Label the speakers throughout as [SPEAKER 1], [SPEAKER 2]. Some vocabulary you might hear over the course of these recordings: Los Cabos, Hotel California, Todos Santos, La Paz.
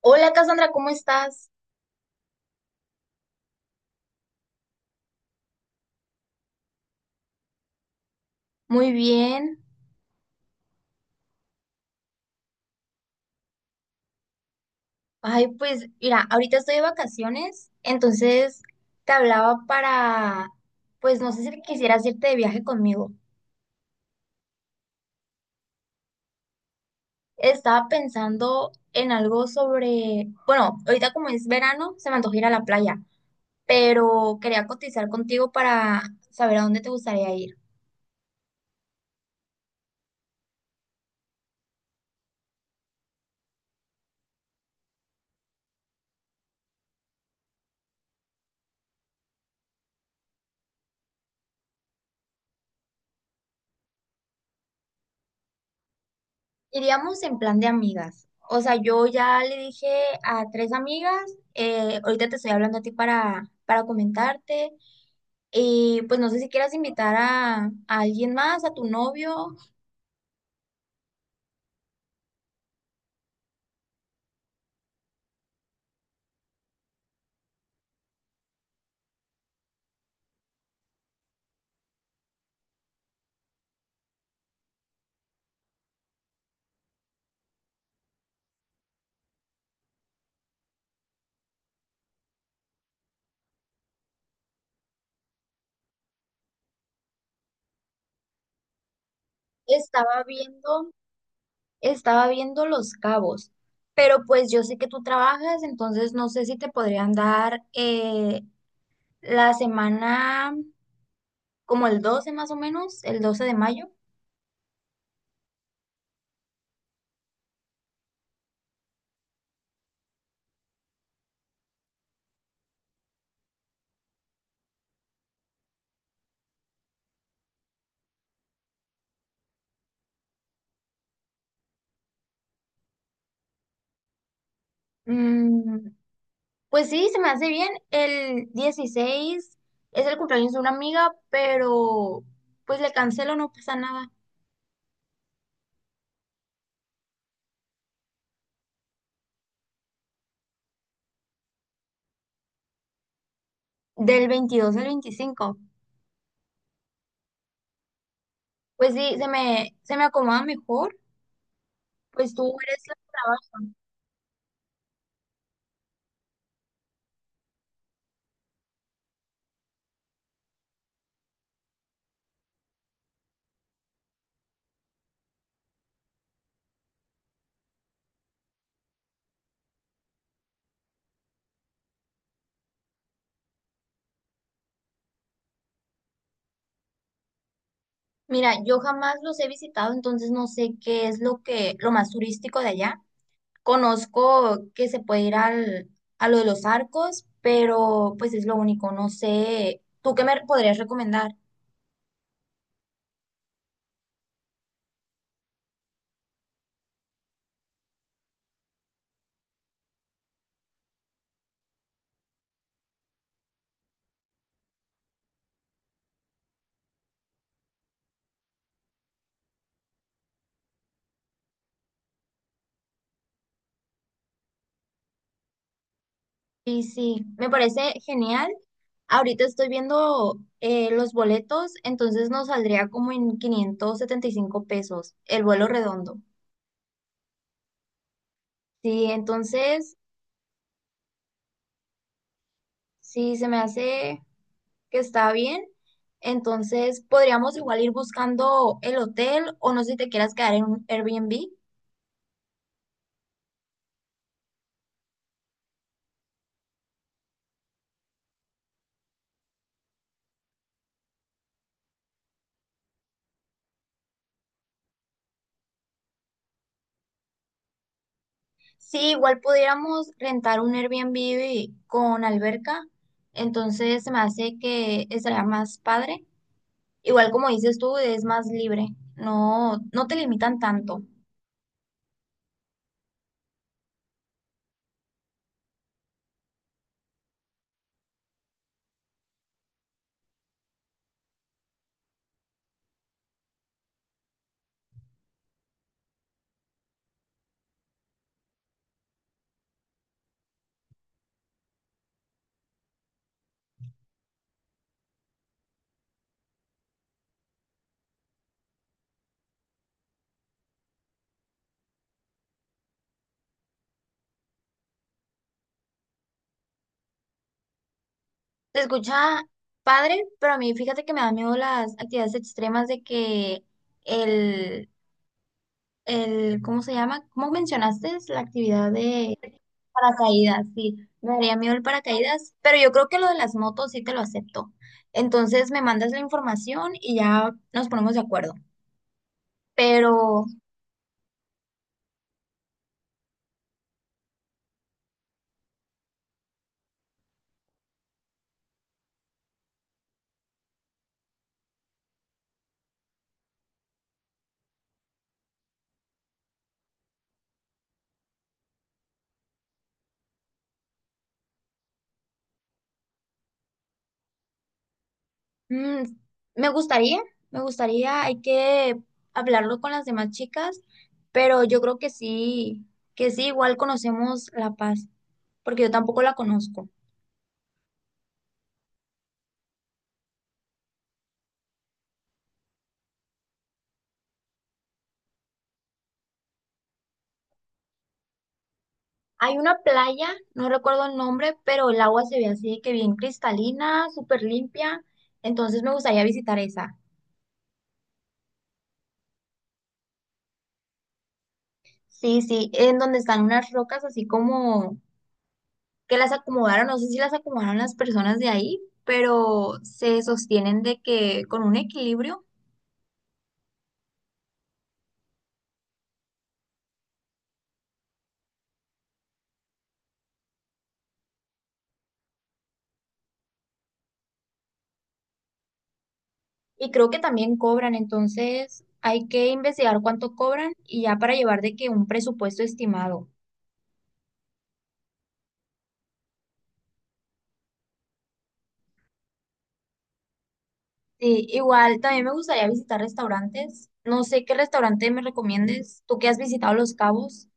[SPEAKER 1] Hola Cassandra, ¿cómo estás? Muy bien. Ay, pues mira, ahorita estoy de vacaciones, entonces te hablaba para, pues no sé si quisieras irte de viaje conmigo. Estaba pensando en algo sobre, bueno, ahorita como es verano, se me antoja ir a la playa, pero quería cotizar contigo para saber a dónde te gustaría ir. Iríamos en plan de amigas. O sea, yo ya le dije a tres amigas, ahorita te estoy hablando a ti para comentarte. Y pues no sé si quieras invitar a alguien más, a tu novio. Estaba viendo, Estaba viendo Los Cabos, pero pues yo sé que tú trabajas, entonces no sé si te podrían dar la semana como el 12 más o menos, el 12 de mayo. Mm, pues sí, se me hace bien. El 16 es el cumpleaños de una amiga, pero pues le cancelo, no pasa nada. Del 22 al 25. Pues sí, se me acomoda mejor. Pues tú eres la que trabaja. Mira, yo jamás los he visitado, entonces no sé qué es lo que, lo más turístico de allá. Conozco que se puede ir a lo de los arcos, pero pues es lo único, no sé. ¿Tú qué me podrías recomendar? Sí, sí, me parece genial. Ahorita estoy viendo los boletos, entonces nos saldría como en 575 pesos el vuelo redondo. Sí, entonces, sí, se me hace que está bien. Entonces, podríamos igual ir buscando el hotel o no sé si te quieras quedar en un Airbnb. Sí, igual pudiéramos rentar un Airbnb con alberca. Entonces, se me hace que estaría más padre. Igual como dices tú, es más libre. No, no te limitan tanto. Se escucha padre, pero a mí fíjate que me da miedo las actividades extremas de que el el, ¿cómo se llama? ¿Cómo mencionaste? Es la actividad de paracaídas, sí. Me daría miedo el paracaídas, pero yo creo que lo de las motos sí te lo acepto. Entonces me mandas la información y ya nos ponemos de acuerdo. Pero mm, me gustaría, me gustaría, hay que hablarlo con las demás chicas, pero yo creo que sí, igual conocemos La Paz, porque yo tampoco la conozco. Hay una playa, no recuerdo el nombre, pero el agua se ve así que bien cristalina, súper limpia. Entonces me gustaría visitar esa. Sí, sí, en donde están unas rocas así como que las acomodaron, no sé si las acomodaron las personas de ahí, pero se sostienen de que con un equilibrio, y creo que también cobran, entonces hay que investigar cuánto cobran y ya para llevar de que un presupuesto estimado. Sí, igual también me gustaría visitar restaurantes. No sé qué restaurante me recomiendes. Tú que has visitado Los Cabos,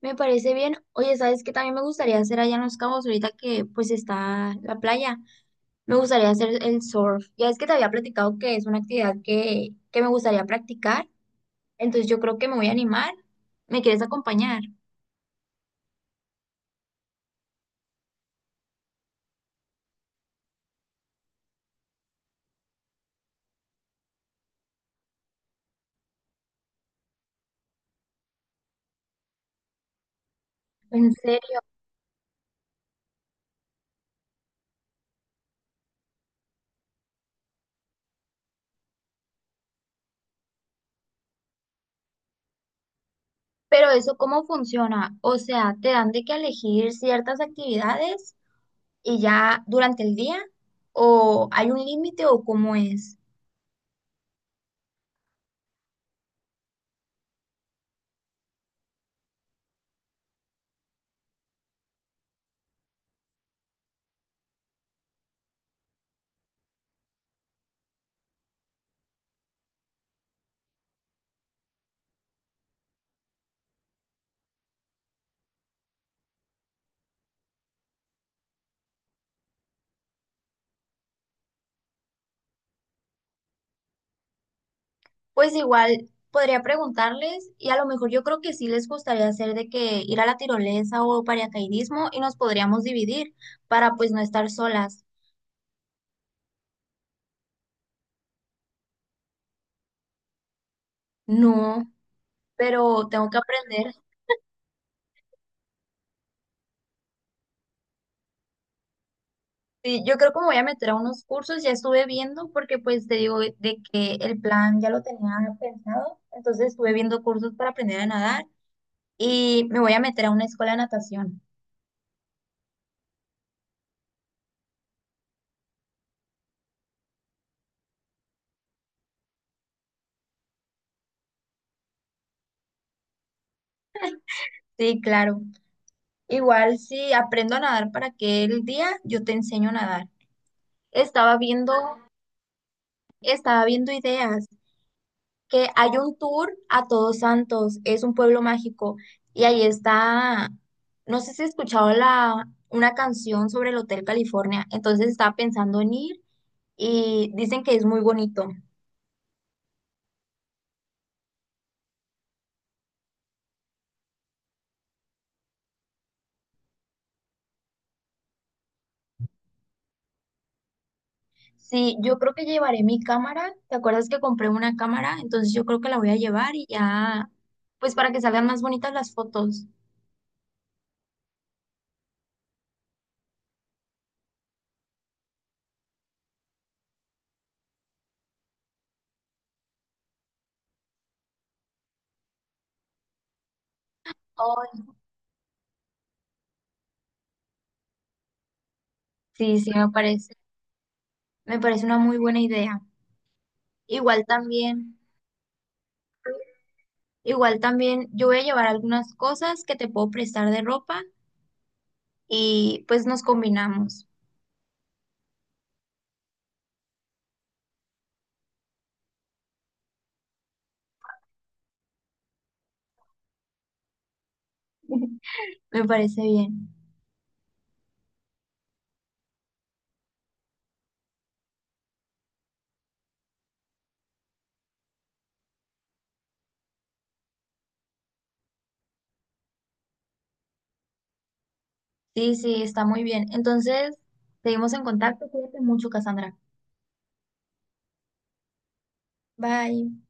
[SPEAKER 1] me parece bien. Oye, ¿sabes qué también me gustaría hacer allá en Los Cabos ahorita que pues está la playa? Me gustaría hacer el surf. Ya es que te había platicado que es una actividad que me gustaría practicar. Entonces yo creo que me voy a animar. ¿Me quieres acompañar? En serio. Pero eso, ¿cómo funciona? O sea, ¿te dan de que elegir ciertas actividades y ya durante el día? ¿O hay un límite o cómo es? Pues igual podría preguntarles y a lo mejor yo creo que sí les gustaría hacer de que ir a la tirolesa o paracaidismo y nos podríamos dividir para pues no estar solas. No, pero tengo que aprender. Sí, yo creo que me voy a meter a unos cursos, ya estuve viendo porque pues te digo de que el plan ya lo tenía pensado, entonces estuve viendo cursos para aprender a nadar y me voy a meter a una escuela de natación. Sí, claro. Igual si aprendo a nadar para aquel día, yo te enseño a nadar. Estaba viendo, Estaba viendo ideas que hay un tour a Todos Santos, es un pueblo mágico y ahí está, no sé si has escuchado la una canción sobre el Hotel California, entonces estaba pensando en ir y dicen que es muy bonito. Sí, yo creo que llevaré mi cámara. ¿Te acuerdas que compré una cámara? Entonces yo creo que la voy a llevar y ya, pues para que salgan más bonitas las fotos. Sí, sí, me parece, una muy buena idea. Igual también, igual también yo voy a llevar algunas cosas que te puedo prestar de ropa y pues nos combinamos. Me parece bien. Sí, sí, está muy bien. Entonces, seguimos en contacto. Cuídate mucho, Cassandra. Bye.